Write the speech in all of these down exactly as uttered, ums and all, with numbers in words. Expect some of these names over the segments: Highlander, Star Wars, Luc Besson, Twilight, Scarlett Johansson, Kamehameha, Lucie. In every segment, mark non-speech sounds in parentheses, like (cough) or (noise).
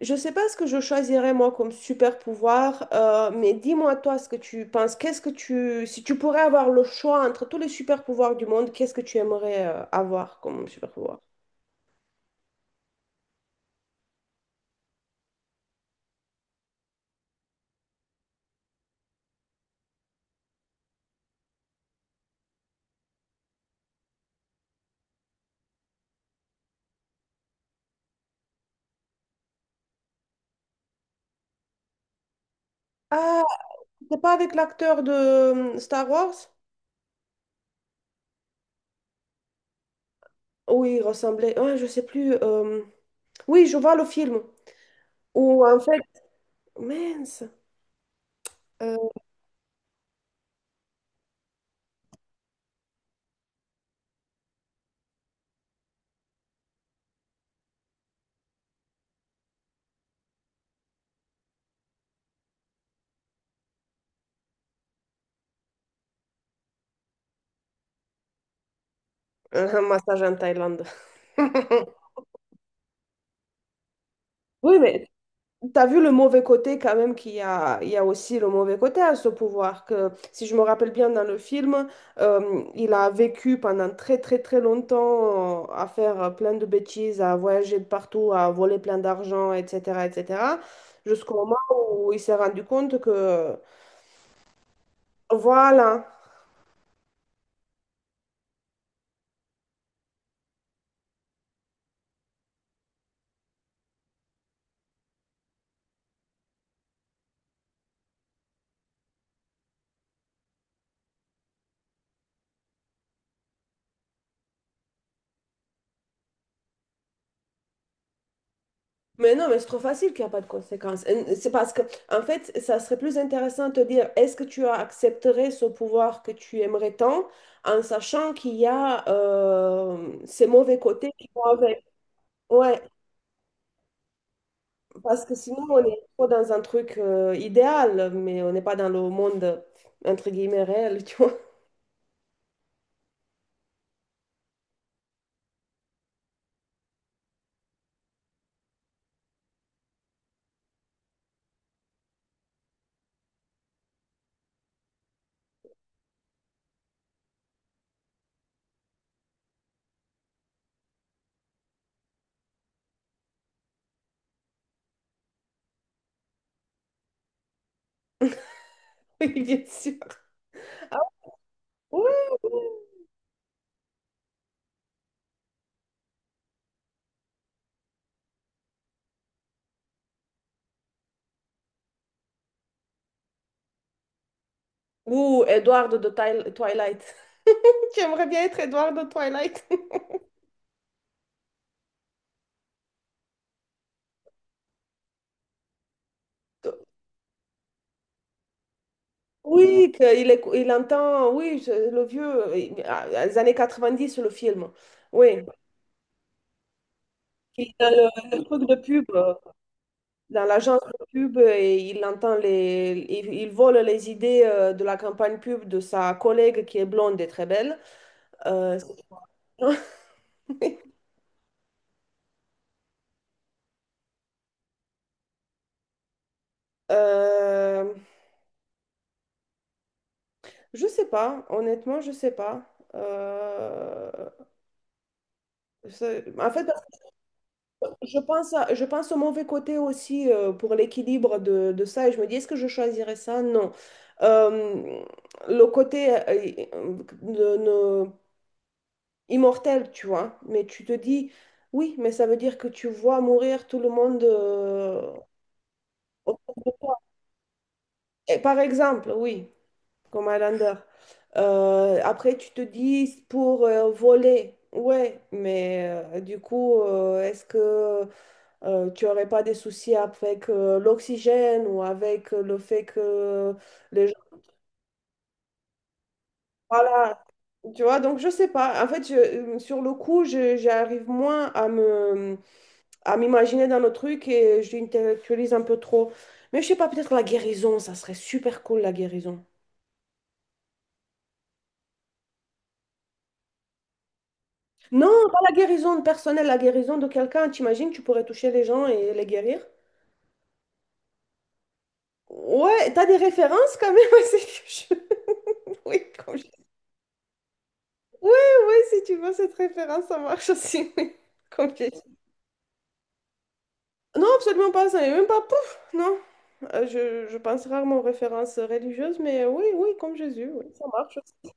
Je sais pas ce que je choisirais moi comme super pouvoir, euh, mais dis-moi toi ce que tu penses. Qu'est-ce que tu, si tu pourrais avoir le choix entre tous les super pouvoirs du monde, qu'est-ce que tu aimerais euh, avoir comme super pouvoir? Ah, c'est pas avec l'acteur de euh, Star Wars? Oui, il ressemblait. Ah, je sais plus. euh, Oui, je vois le film. Ou en fait, mince, euh, un massage en Thaïlande. (laughs) Oui, mais t'as vu le mauvais côté quand même qu'il y a, il y a aussi le mauvais côté à ce pouvoir, que si je me rappelle bien dans le film, euh, il a vécu pendant très très très longtemps euh, à faire euh, plein de bêtises, à voyager de partout, à voler plein d'argent, et cetera, et cetera, jusqu'au moment où il s'est rendu compte que, voilà. Mais non, mais c'est trop facile qu'il n'y a pas de conséquences. Et c'est parce que, en fait, ça serait plus intéressant de te dire, est-ce que tu accepterais ce pouvoir que tu aimerais tant, en sachant qu'il y a euh, ces mauvais côtés qui vont avec. Ouais, parce que sinon, on est trop dans un truc euh, idéal, mais on n'est pas dans le monde, entre guillemets, réel, tu vois. (laughs) Oui, bien sûr. Ouais. Ou Edward de Twi- Twilight. (laughs) Tu aimerais bien être Edward de Twilight. (laughs) Oui, qu'il éc- il entend, oui, je- le vieux, euh, il- ah, les années quatre-vingt-dix, le film. Oui, il a le, le truc de pub, euh, dans l'agence de pub, euh, et il entend les, il, il vole les idées euh, de la campagne pub de sa collègue qui est blonde et très belle. Euh, (laughs) euh, je sais pas, honnêtement, je sais pas. Euh, c'est- en fait, Je pense, à- je pense au mauvais côté aussi euh, pour l'équilibre de, de ça et je me dis, est-ce que je choisirais ça? Non. Euh, le côté euh, de- de- immortel, tu vois, mais tu te dis, oui, mais ça veut dire que tu vois mourir tout le monde. euh, autour de- Et par exemple, oui, comme Highlander. Euh, après, tu te dis, pour euh, voler, ouais, mais euh, du coup, euh, est-ce que... Euh, tu n'aurais pas des soucis avec euh, l'oxygène ou avec euh, le fait que les gens... Voilà, tu vois, donc je sais pas. En fait, je- euh, sur le coup, je- j'arrive moins à me, à m'imaginer dans le truc et je l'intellectualise un peu trop. Mais je sais pas, peut-être la guérison, ça serait super cool, la guérison. Non, pas la guérison personnelle, la guérison de quelqu'un. T'imagines, tu pourrais toucher les gens et les guérir? Ouais, t'as des références quand même. (laughs) c'est que je- Oui, (laughs) comme Ouais, ouais, si tu veux cette référence, ça marche aussi, (laughs) oui. Complètement. Non, absolument pas, ça n'est même pas pouf, non. Euh, je, je pense rarement aux références religieuses, mais euh, oui, oui, comme Jésus, oui, ça marche aussi.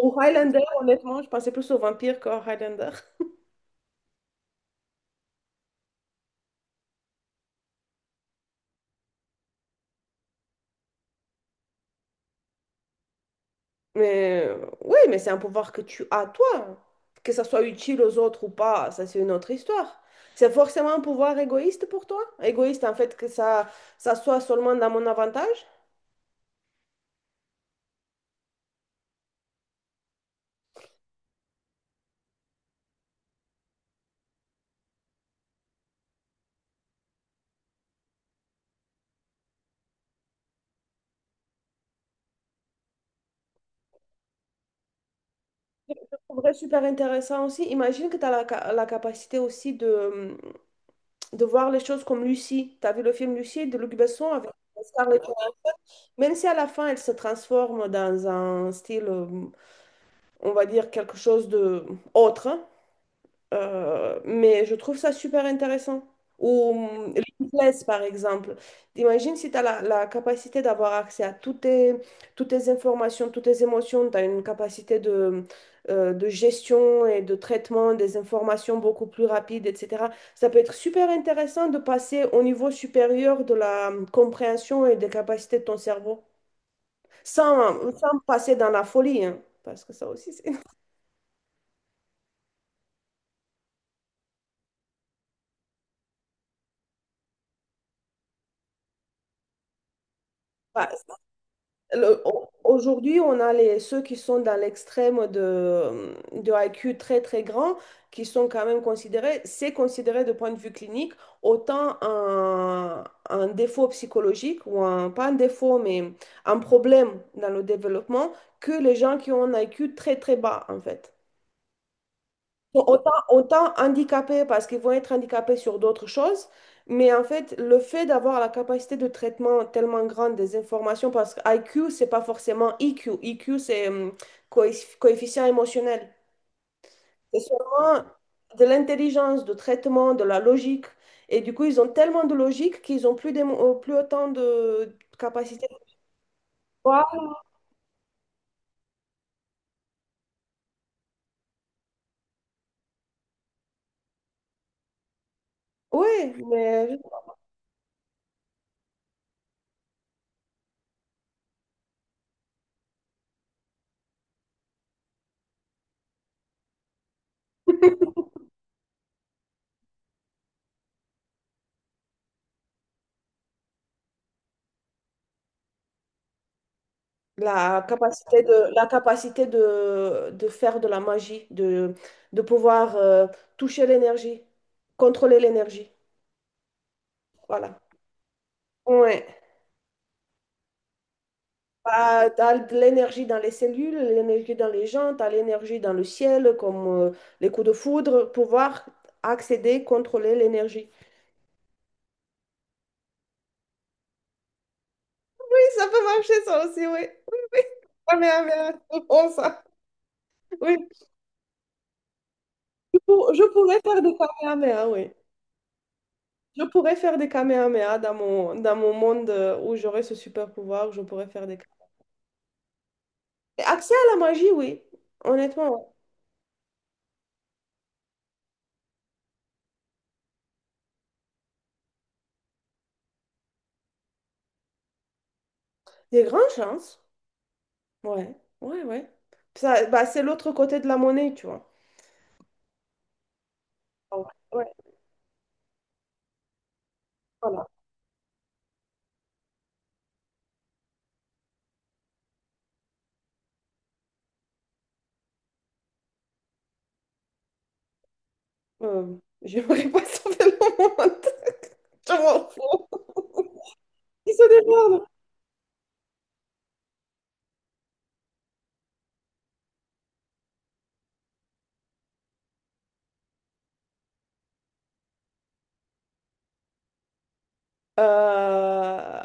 Ou Highlander, honnêtement, je pensais plus aux vampires qu'aux Highlander. Mais euh, oui, mais c'est un pouvoir que tu as, toi. Que ça soit utile aux autres ou pas, ça c'est une autre histoire. C'est forcément un pouvoir égoïste pour toi? Égoïste, en fait, que ça, ça soit seulement dans mon avantage? Je trouverais super intéressant aussi. Imagine que tu as la, ca- la capacité aussi de, de voir les choses comme Lucie. Tu as vu le film Lucie de Luc Besson avec Scarlett Johansson. Même si à la fin, elle se transforme dans un style, euh, on va dire, quelque chose de autre, hein, euh, mais je trouve ça super intéressant. Ou hum, les templates, par exemple. Imagine si tu as la, la capacité d'avoir accès à toutes tes, toutes tes informations, toutes tes émotions, tu as une capacité de, euh, de gestion et de traitement des informations beaucoup plus rapide, et cetera. Ça peut être super intéressant de passer au niveau supérieur de la hum, compréhension et des capacités de ton cerveau, sans, sans passer dans la folie, hein, parce que ça aussi, c'est... (laughs) Le- au- Aujourd'hui, on a les, ceux qui sont dans l'extrême de, de I Q très très grand, qui sont quand même considérés, c'est considéré de point de vue clinique autant un, un défaut psychologique ou un, pas un défaut, mais un problème dans le développement que les gens qui ont un I Q très très bas en fait. Autant, autant handicapés parce qu'ils vont être handicapés sur d'autres choses, mais en fait, le fait d'avoir la capacité de traitement tellement grande des informations, parce que I Q, c'est pas forcément I Q. I Q, c'est hum, coef- coefficient émotionnel. C'est seulement de l'intelligence, de traitement, de la logique. Et du coup, ils ont tellement de logique qu'ils ont plus, d'émo- euh, plus autant de capacité de voir. Oui, mais La capacité de, la capacité de, de faire de la magie, de, de pouvoir euh, toucher l'énergie, contrôler l'énergie. Voilà. Ouais. Bah, t'as de l'énergie dans les cellules, l'énergie dans les gens, t'as l'énergie dans le ciel, comme euh, les coups de foudre, pouvoir accéder, contrôler l'énergie. Oui, ça peut marcher ça aussi, oui. Oui, oui. Kamehameha, c'est bon ça. Oui, je, pour- je pourrais faire des kamehameha, oui. Je pourrais faire des kamehameha dans mon, dans mon monde euh, où j'aurais ce super pouvoir, je pourrais faire des kamehameha. Accès à la magie, oui. Honnêtement, ouais. Des grandes chances. Ouais, ouais, ouais. Ça, bah, c'est l'autre côté de la monnaie, tu vois. Ah Ouais, ouais, voilà. Euh, j'aimerais pas (laughs) sauver le monde. (laughs) Je m'en fous. Ils se démerdent. Euh,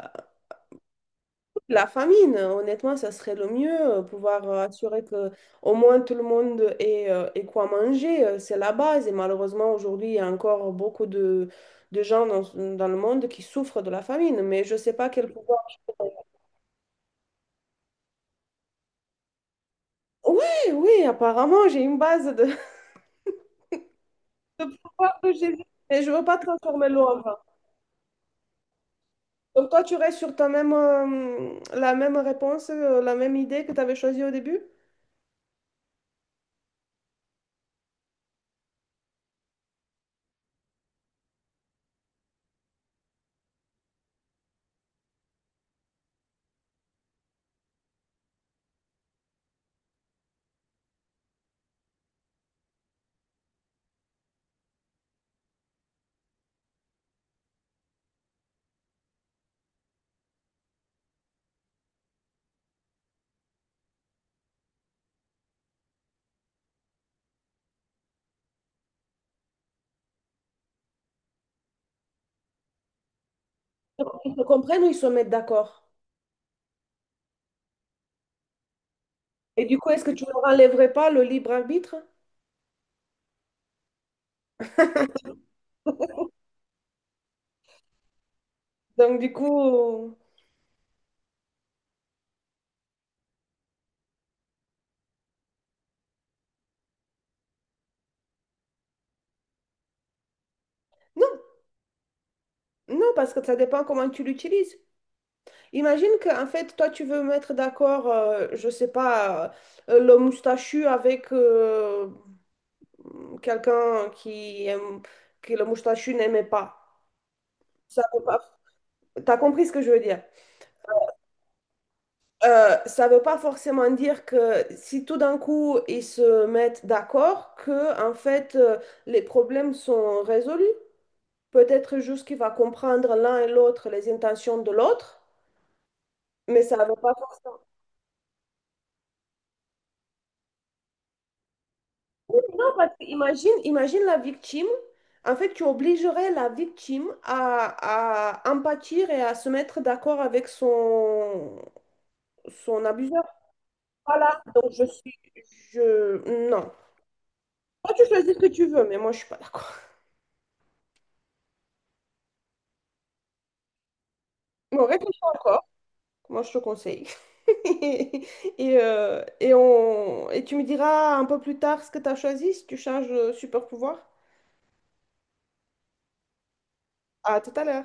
La famine, honnêtement, ça serait le mieux, euh, pouvoir euh, assurer que au moins tout le monde ait, euh, ait quoi manger, euh, c'est la base. Et malheureusement, aujourd'hui, il y a encore beaucoup de, de gens dans, dans le monde qui souffrent de la famine, mais je ne sais pas quel pouvoir. Oui, oui, apparemment, j'ai une base de, (laughs) de pouvoir de Jésus, mais je ne veux pas transformer l'ombre. Donc toi, tu restes sur ta même, euh, la même réponse, euh, la même idée que tu avais choisie au début? Ils se comprennent ou ils se mettent d'accord? Et du coup, est-ce que tu leur enlèverais pas le libre arbitre? Donc, du coup, non, non, parce que ça dépend comment tu l'utilises. Imagine que, en fait, toi, tu veux mettre d'accord, euh, je sais pas, euh, le moustachu avec euh, quelqu'un qui aime, que le moustachu n'aimait pas. Ça veut pas... T'as compris ce que je veux dire? Euh, ça veut pas forcément dire que si tout d'un coup ils se mettent d'accord, que en fait euh, les problèmes sont résolus. Peut-être juste qu'il va comprendre l'un et l'autre les intentions de l'autre. Mais ça va pas forcément. Oui, Non, parce que imagine, imagine la victime. En fait, tu obligerais la victime à, à empâtir et à se mettre d'accord avec son, son abuseur. Voilà, donc je suis... Je... Non. Toi, tu choisis ce que tu veux, mais moi, je suis pas d'accord. (laughs) Bon, réfléchis encore. Moi, je te conseille. (laughs) Et, euh, et, on, et tu me diras un peu plus tard ce que tu as choisi, si tu changes de super pouvoir. À tout à l'heure.